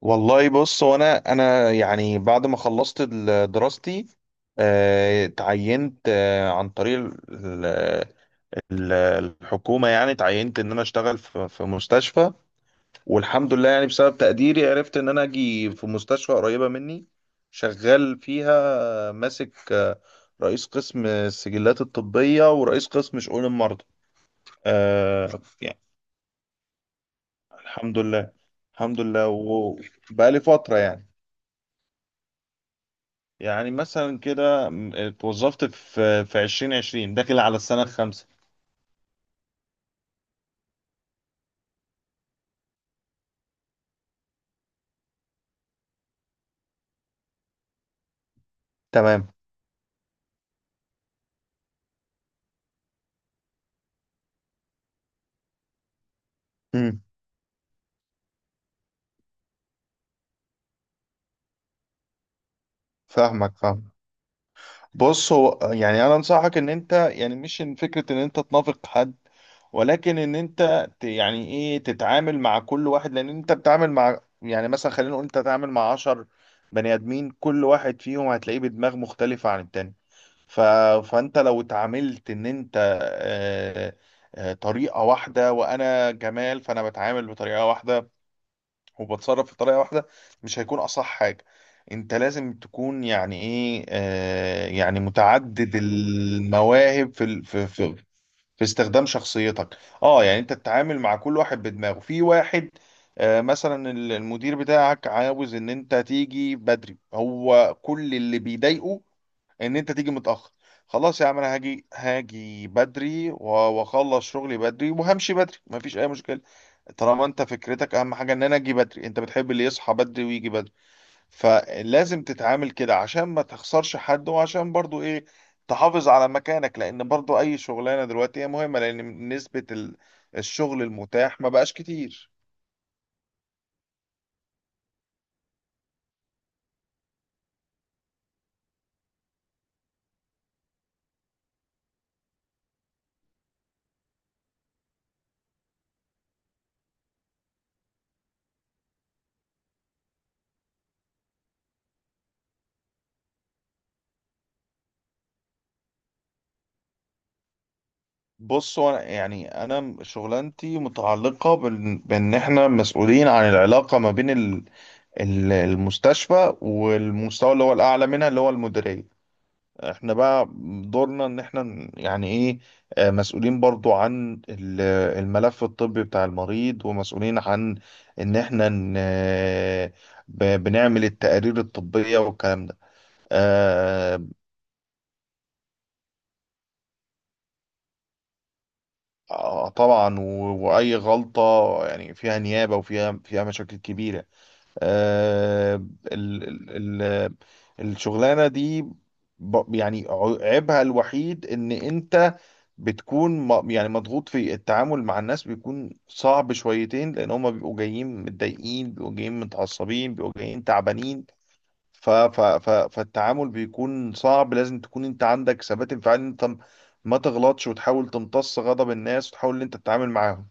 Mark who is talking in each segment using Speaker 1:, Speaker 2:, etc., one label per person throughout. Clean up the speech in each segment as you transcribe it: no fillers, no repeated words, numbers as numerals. Speaker 1: والله، بص هو انا يعني بعد ما خلصت دراستي، اتعينت عن طريق ال- الحكومة، يعني اتعينت ان انا اشتغل في مستشفى، والحمد لله، يعني بسبب تقديري عرفت ان انا اجي في مستشفى قريبة مني، شغال فيها. ماسك رئيس قسم السجلات الطبية ورئيس قسم شؤون المرضى آه، يعني الحمد لله، الحمد لله، وبقالي فترة يعني. يعني مثلا كده اتوظفت في 2020، داخل على السنة الخامسة. تمام. امم. فاهمك، فاهم. بص هو يعني انا انصحك ان انت، يعني مش ان فكره ان انت تنافق حد، ولكن ان انت يعني ايه تتعامل مع كل واحد، لان انت بتتعامل مع، يعني مثلا خلينا نقول، انت تتعامل مع 10 بني ادمين، كل واحد فيهم هتلاقيه بدماغ مختلفه عن التاني. ف... فانت لو اتعاملت ان انت آه، طريقه واحده، وانا جمال فانا بتعامل بطريقه واحده وبتصرف في طريقة واحدة، مش هيكون أصح حاجة. انت لازم تكون، يعني ايه، يعني متعدد المواهب في ال- في في في استخدام شخصيتك. اه، يعني انت تتعامل مع كل واحد بدماغه في واحد. مثلا المدير بتاعك عاوز ان انت تيجي بدري، هو كل اللي بيضايقه ان انت تيجي متأخر. خلاص يا عم، انا هاجي بدري واخلص شغلي بدري وهمشي بدري، مفيش اي مشكلة. طالما انت فكرتك اهم حاجة ان انا اجي بدري، انت بتحب اللي يصحى بدري ويجي بدري، فلازم تتعامل كده عشان ما تخسرش حد، وعشان برضو ايه، تحافظ على مكانك، لان برضو اي شغلانة دلوقتي هي مهمة، لان نسبة الشغل المتاح ما بقاش كتير. بص هو يعني انا شغلانتي متعلقة بان احنا مسؤولين عن العلاقة ما بين المستشفى والمستوى اللي هو الاعلى منها، اللي هو المديرية. احنا بقى دورنا ان احنا يعني ايه، مسؤولين برضو عن الملف الطبي بتاع المريض، ومسؤولين عن ان احنا بنعمل التقارير الطبية والكلام ده آه، طبعا، واي غلطة يعني فيها نيابة، وفيها مشاكل كبيرة آه، ال- ال- ال- الشغلانة دي، يعني عيبها الوحيد ان انت بتكون يعني مضغوط، في التعامل مع الناس بيكون صعب شويتين، لان هما بيبقوا جايين متضايقين، بيبقوا جايين متعصبين، بيبقوا جايين تعبانين. ف ف ف فالتعامل بيكون صعب، لازم تكون انت عندك ثبات انفعالي، إن انت ما تغلطش وتحاول تمتص غضب الناس، وتحاول ان انت تتعامل معاهم.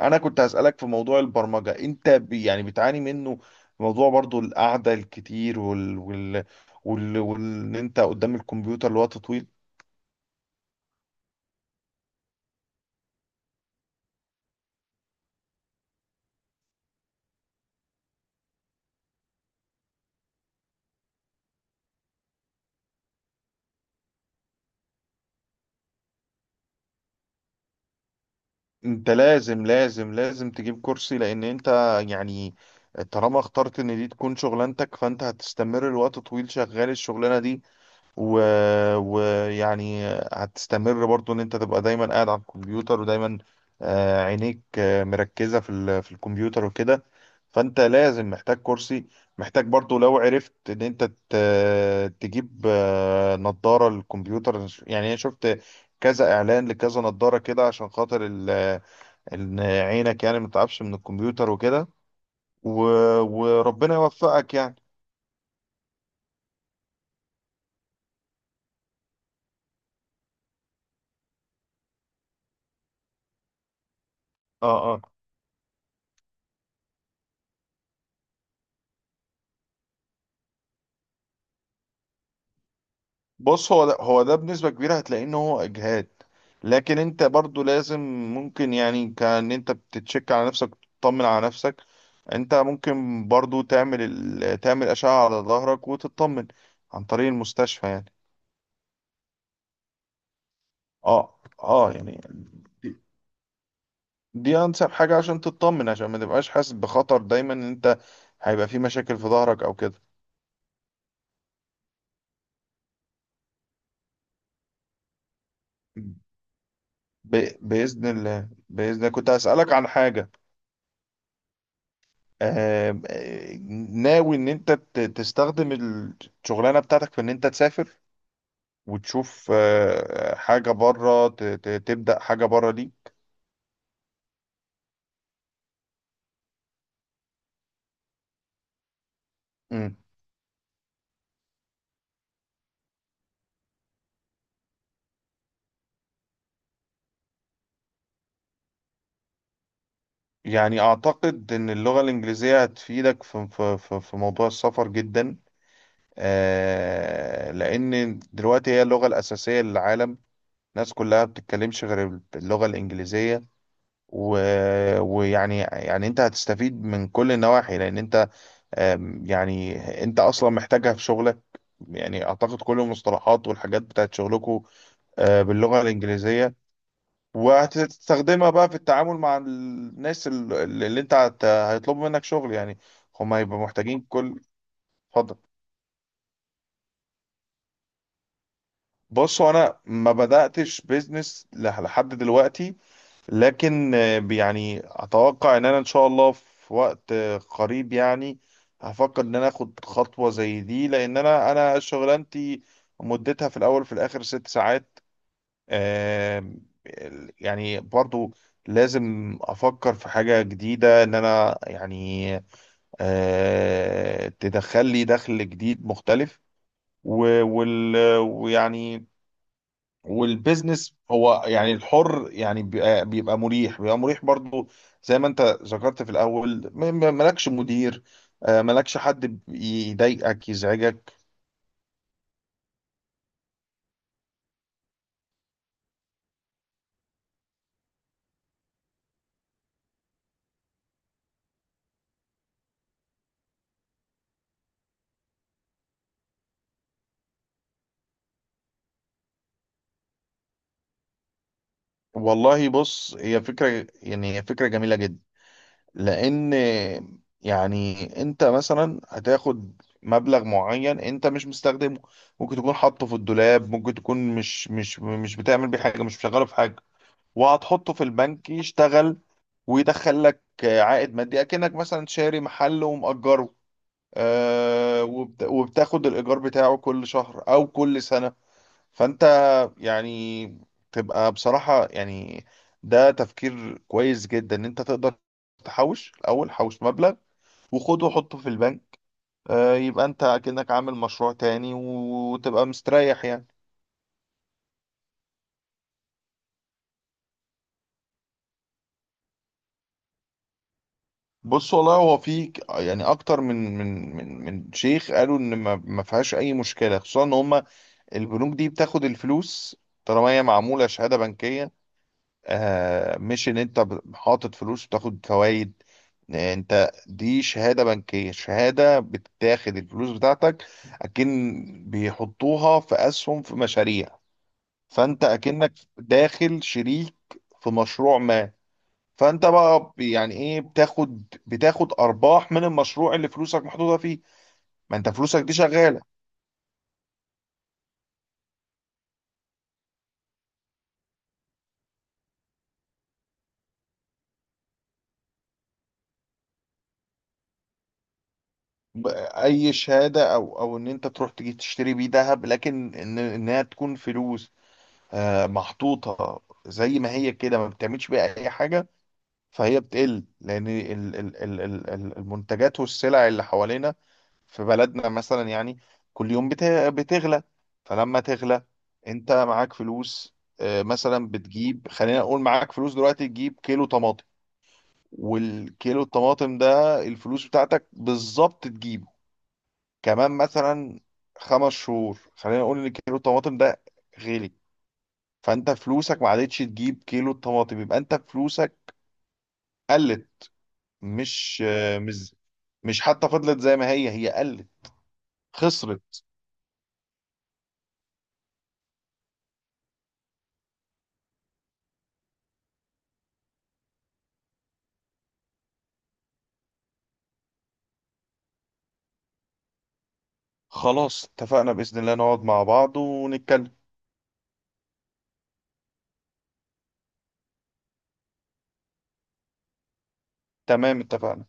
Speaker 1: انا كنت هسألك في موضوع البرمجة، انت يعني بتعاني منه؟ موضوع برضو القعدة الكتير، وال وال وال وان انت قدام الكمبيوتر لوقت طويل. انت لازم لازم لازم تجيب كرسي، لان انت يعني طالما اخترت ان دي تكون شغلانتك، فانت هتستمر لوقت طويل شغال الشغلانه دي، و... ويعني هتستمر برضو ان انت تبقى دايما قاعد على الكمبيوتر، ودايما عينيك مركزه في الكمبيوتر وكده. فانت لازم، محتاج كرسي، محتاج برضو لو عرفت ان انت ت... تجيب نظاره للكمبيوتر، يعني انا شفت كذا اعلان لكذا نظاره كده، عشان خاطر ان عينك يعني ما تعبش من الكمبيوتر وكده. و... وربنا يوفقك يعني. اه، اه. بص هو ده، هو ده بنسبة كبيرة هتلاقي ان هو اجهاد، لكن انت برضو لازم، ممكن يعني كان انت بتتشك على نفسك، تطمن على نفسك. انت ممكن برضو تعمل اشعة على ظهرك وتطمن عن طريق المستشفى يعني. اه، اه، يعني دي دي انسب حاجة عشان تطمن، عشان ما تبقاش حاسس بخطر دايما، ان انت هيبقى في مشاكل في ظهرك او كده. بإذن الله، بإذن الله، كنت هسألك عن حاجة. آه... آه، ناوي إن أنت تستخدم الشغلانة بتاعتك في إن أنت تسافر وتشوف حاجة بره، تبدأ حاجة بره دي. مم. يعني أعتقد إن اللغة الإنجليزية هتفيدك في موضوع السفر جدا. لأن دلوقتي هي اللغة الأساسية للعالم، الناس كلها بتتكلمش غير اللغة الإنجليزية، ويعني انت هتستفيد من كل النواحي، لان انت يعني انت اصلا محتاجها في شغلك. يعني اعتقد كل المصطلحات والحاجات بتاعت شغلكم باللغة الانجليزية، وهتستخدمها بقى في التعامل مع الناس اللي انت هيطلبوا منك شغل يعني. هم هيبقوا محتاجين كل. اتفضل. بص هو انا ما بداتش بيزنس لحد دلوقتي، لكن يعني اتوقع ان انا ان شاء الله في وقت قريب يعني هفكر ان انا اخد خطوه زي دي، لان انا شغلانتي مدتها في الاول وفي الاخر 6 ساعات. آه، يعني برضو لازم افكر في حاجه جديده ان انا يعني تدخل لي دخل جديد مختلف. و- وال- ويعني والبيزنس هو يعني الحر، يعني بيبقى مريح برضو، زي ما انت ذكرت في الاول، مالكش مدير، مالكش حد يضايقك يزعجك. والله بص، هي فكرة، يعني هي فكرة جميلة جدا، لان يعني انت مثلا هتاخد مبلغ معين انت مش مستخدمه، ممكن تكون حاطه في الدولاب، ممكن تكون مش بتعمل بيه حاجة، مش مشغله في حاجة، وهتحطه في البنك يشتغل، ويدخل لك عائد مادي، اكنك مثلا شاري محل ومأجره، وبتاخد الإيجار بتاعه كل شهر أو كل سنة. فأنت يعني تبقى بصراحة يعني، ده تفكير كويس جدا، إن أنت تقدر تحوش الأول، حوش مبلغ وخده وحطه في البنك. يبقى أنت كأنك عامل مشروع تاني، وتبقى مستريح يعني. بص والله هو في يعني اكتر من شيخ قالوا ان ما فيهاش اي مشكله، خصوصا ان هم البنوك دي بتاخد الفلوس طالما هي معمولة شهادة بنكية. مش ان انت حاطط فلوس وتاخد فوائد، انت دي شهادة بنكية، شهادة بتاخد الفلوس بتاعتك، اكن بيحطوها في اسهم في مشاريع. فانت اكنك داخل شريك في مشروع ما، فانت بقى يعني ايه، بتاخد ارباح من المشروع اللي فلوسك محطوطة فيه. ما انت فلوسك دي شغالة. ب- اي شهاده، او ان انت تروح تجي تشتري بيه ذهب، لكن ان انها تكون فلوس محطوطه زي ما هي كده، ما بتعملش بيها اي حاجه، فهي بتقل، لان المنتجات والسلع اللي حوالينا في بلدنا مثلا يعني كل يوم بتغلى. فلما تغلى، انت معاك فلوس، مثلا بتجيب، خلينا نقول معاك فلوس دلوقتي تجيب كيلو طماطم، والكيلو الطماطم ده الفلوس بتاعتك بالظبط تجيبه كمان مثلا 5 شهور، خلينا نقول ان كيلو الطماطم ده غالي، فانت فلوسك ما عادتش تجيب كيلو الطماطم، يبقى انت فلوسك قلت. مش مش مش حتى فضلت زي ما هي قلت، خسرت. خلاص اتفقنا بإذن الله، نقعد مع بعض ونتكلم. تمام، اتفقنا.